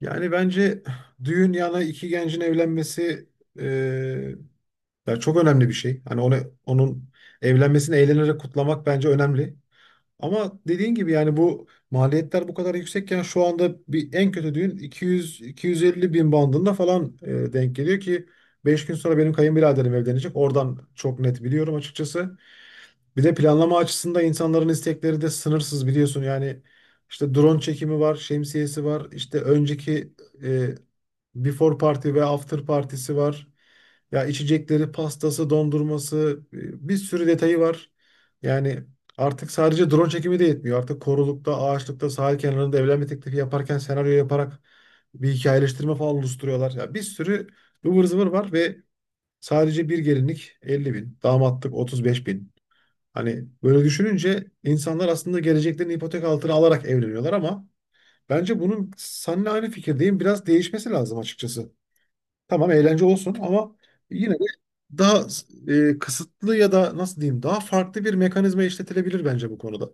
Yani bence düğün yana iki gencin evlenmesi eee, ya çok önemli bir şey. Hani onun evlenmesini eğlenerek kutlamak bence önemli. Ama dediğin gibi yani bu maliyetler bu kadar yüksekken şu anda bir en kötü düğün 200-250 bin bandında falan denk geliyor ki 5 gün sonra benim kayınbiraderim evlenecek. Oradan çok net biliyorum açıkçası. Bir de planlama açısında insanların istekleri de sınırsız biliyorsun. Yani işte drone çekimi var, şemsiyesi var, işte e, Before party ve after partisi var. Ya içecekleri, pastası, dondurması, bir sürü detayı var. Yani artık sadece drone çekimi de yetmiyor. Artık korulukta, ağaçlıkta, sahil kenarında evlenme teklifi yaparken senaryo yaparak bir hikayeleştirme falan oluşturuyorlar. Ya bir sürü ıvır zıvır var ve sadece bir gelinlik 50 bin, damatlık 35 bin. Hani böyle düşününce insanlar aslında geleceklerini ipotek altına alarak evleniyorlar ama bence bunun seninle aynı fikirdeyim. Biraz değişmesi lazım açıkçası. Tamam eğlence olsun ama yine de daha kısıtlı ya da nasıl diyeyim daha farklı bir mekanizma işletilebilir bence bu konuda.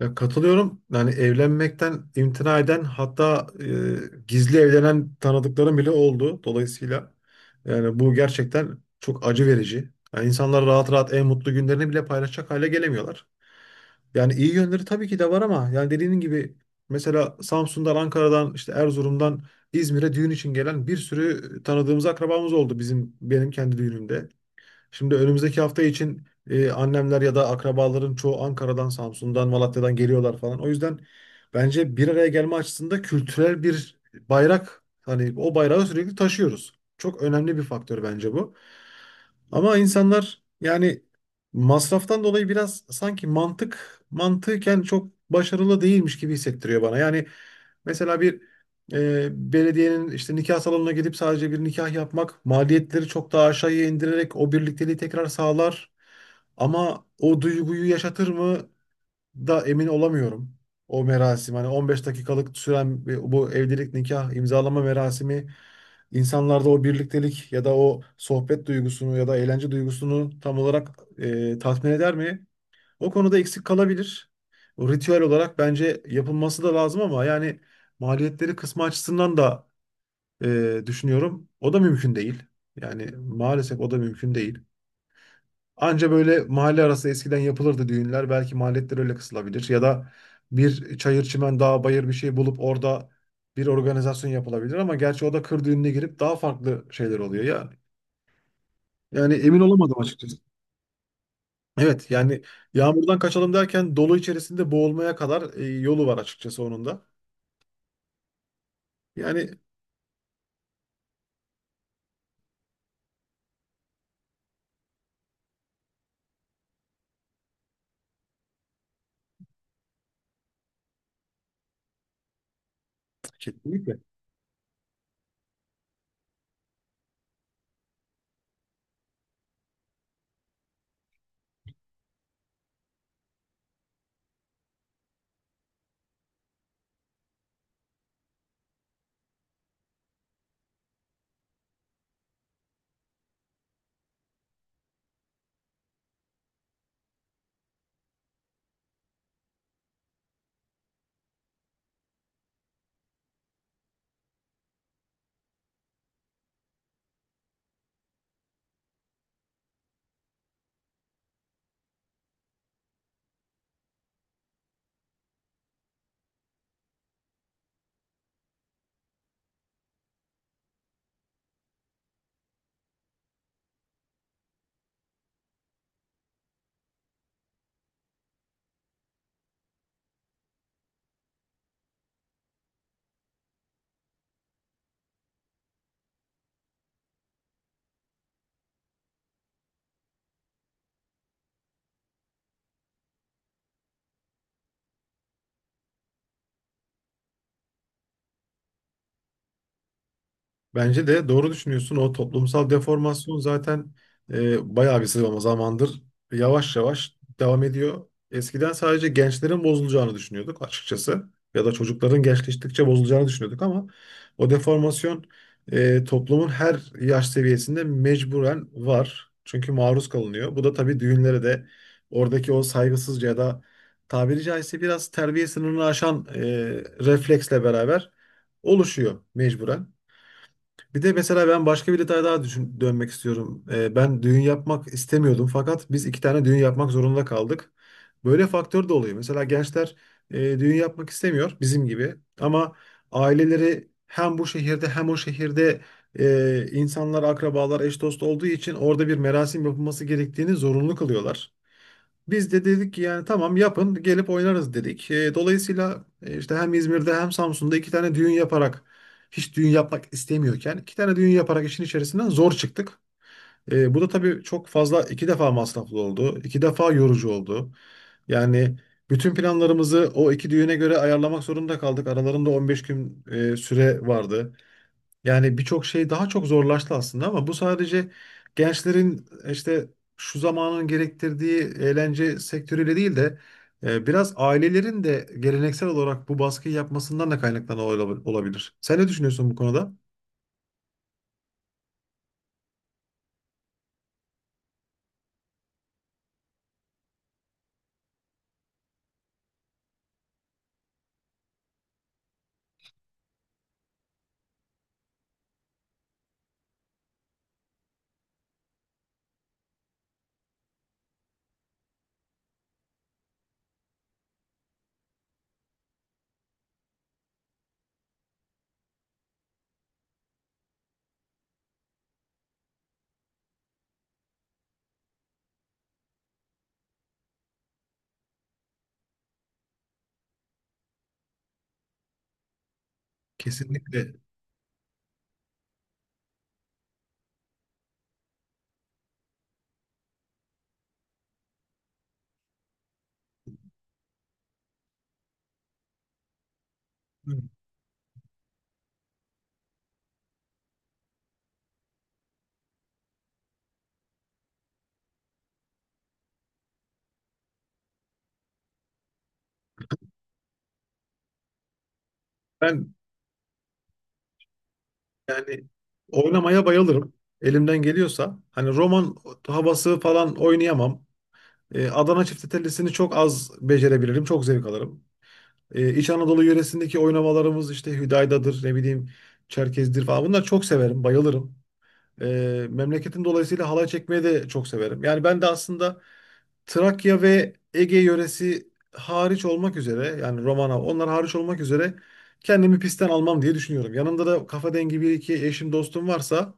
Ya katılıyorum. Yani evlenmekten imtina eden hatta gizli evlenen tanıdıklarım bile oldu. Dolayısıyla yani bu gerçekten çok acı verici. Yani insanlar rahat rahat en mutlu günlerini bile paylaşacak hale gelemiyorlar. Yani iyi yönleri tabii ki de var ama yani dediğin gibi mesela Samsun'dan, Ankara'dan, işte Erzurum'dan İzmir'e düğün için gelen bir sürü tanıdığımız akrabamız oldu bizim benim kendi düğünümde. Şimdi önümüzdeki hafta için, annemler ya da akrabaların çoğu Ankara'dan, Samsun'dan, Malatya'dan geliyorlar falan. O yüzden bence bir araya gelme açısında kültürel bir bayrak hani o bayrağı sürekli taşıyoruz. Çok önemli bir faktör bence bu. Ama insanlar yani masraftan dolayı biraz sanki mantık mantıken çok başarılı değilmiş gibi hissettiriyor bana. Yani mesela belediyenin işte nikah salonuna gidip sadece bir nikah yapmak maliyetleri çok daha aşağıya indirerek o birlikteliği tekrar sağlar. Ama o duyguyu yaşatır mı da emin olamıyorum. O merasim hani 15 dakikalık süren bu evlilik nikah imzalama merasimi insanlarda o birliktelik ya da o sohbet duygusunu ya da eğlence duygusunu tam olarak tatmin eder mi? O konuda eksik kalabilir. O ritüel olarak bence yapılması da lazım ama yani maliyetleri kısmı açısından da düşünüyorum. O da mümkün değil. Yani maalesef o da mümkün değil. Anca böyle mahalle arası eskiden yapılırdı düğünler. Belki maliyetler öyle kısılabilir. Ya da bir çayır çimen dağ bayır bir şey bulup orada bir organizasyon yapılabilir ama gerçi o da kır düğününe girip daha farklı şeyler oluyor ya. Yani emin olamadım açıkçası. Evet yani yağmurdan kaçalım derken dolu içerisinde boğulmaya kadar, yolu var açıkçası onun da. Yani kesinlikle. Bence de doğru düşünüyorsun. O toplumsal deformasyon zaten bayağı bir sıralama zamandır yavaş yavaş devam ediyor. Eskiden sadece gençlerin bozulacağını düşünüyorduk açıkçası. Ya da çocukların gençleştikçe bozulacağını düşünüyorduk ama o deformasyon, toplumun her yaş seviyesinde mecburen var. Çünkü maruz kalınıyor. Bu da tabii düğünlere de oradaki o saygısızca ya da tabiri caizse biraz terbiye sınırını aşan refleksle beraber oluşuyor mecburen. Bir de mesela ben başka bir detay daha düşün, dönmek istiyorum. Ben düğün yapmak istemiyordum fakat biz iki tane düğün yapmak zorunda kaldık. Böyle faktör de oluyor. Mesela gençler düğün yapmak istemiyor bizim gibi ama aileleri hem bu şehirde hem o şehirde, insanlar, akrabalar, eş dost olduğu için orada bir merasim yapılması gerektiğini zorunlu kılıyorlar. Biz de dedik ki yani tamam yapın gelip oynarız dedik. Dolayısıyla işte hem İzmir'de hem Samsun'da iki tane düğün yaparak hiç düğün yapmak istemiyorken iki tane düğün yaparak işin içerisinden zor çıktık. Bu da tabii çok fazla iki defa masraflı oldu. İki defa yorucu oldu. Yani bütün planlarımızı o iki düğüne göre ayarlamak zorunda kaldık. Aralarında 15 gün süre vardı. Yani birçok şey daha çok zorlaştı aslında ama bu sadece gençlerin işte şu zamanın gerektirdiği eğlence sektörüyle değil de, biraz ailelerin de geleneksel olarak bu baskıyı yapmasından da kaynaklanan olabilir. Sen ne düşünüyorsun bu konuda? Kesinlikle. Ben yani oynamaya bayılırım. Elimden geliyorsa. Hani roman havası falan oynayamam. Adana çiftetellisini çok az becerebilirim. Çok zevk alırım. İç Anadolu yöresindeki oynamalarımız işte Hüdayda'dır, ne bileyim Çerkez'dir falan. Bunları çok severim, bayılırım. Memleketim dolayısıyla halay çekmeyi de çok severim. Yani ben de aslında Trakya ve Ege yöresi hariç olmak üzere yani Romana onlar hariç olmak üzere kendimi pistten almam diye düşünüyorum. Yanımda da kafa dengi bir iki eşim dostum varsa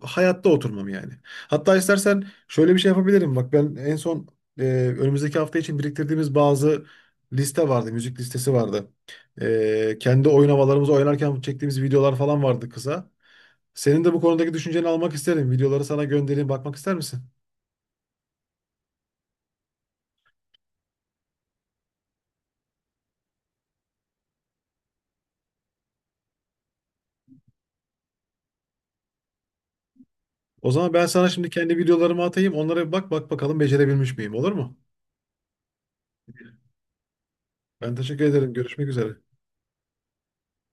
hayatta oturmam yani. Hatta istersen şöyle bir şey yapabilirim. Bak ben en son e, önümüzdeki hafta için biriktirdiğimiz bazı liste vardı. Müzik listesi vardı. Kendi oynamalarımızı oynarken çektiğimiz videolar falan vardı kısa. Senin de bu konudaki düşünceni almak isterim. Videoları sana göndereyim. Bakmak ister misin? O zaman ben sana şimdi kendi videolarımı atayım. Onlara bir bak bak bakalım becerebilmiş miyim? Olur mu? Ben teşekkür ederim. Görüşmek üzere.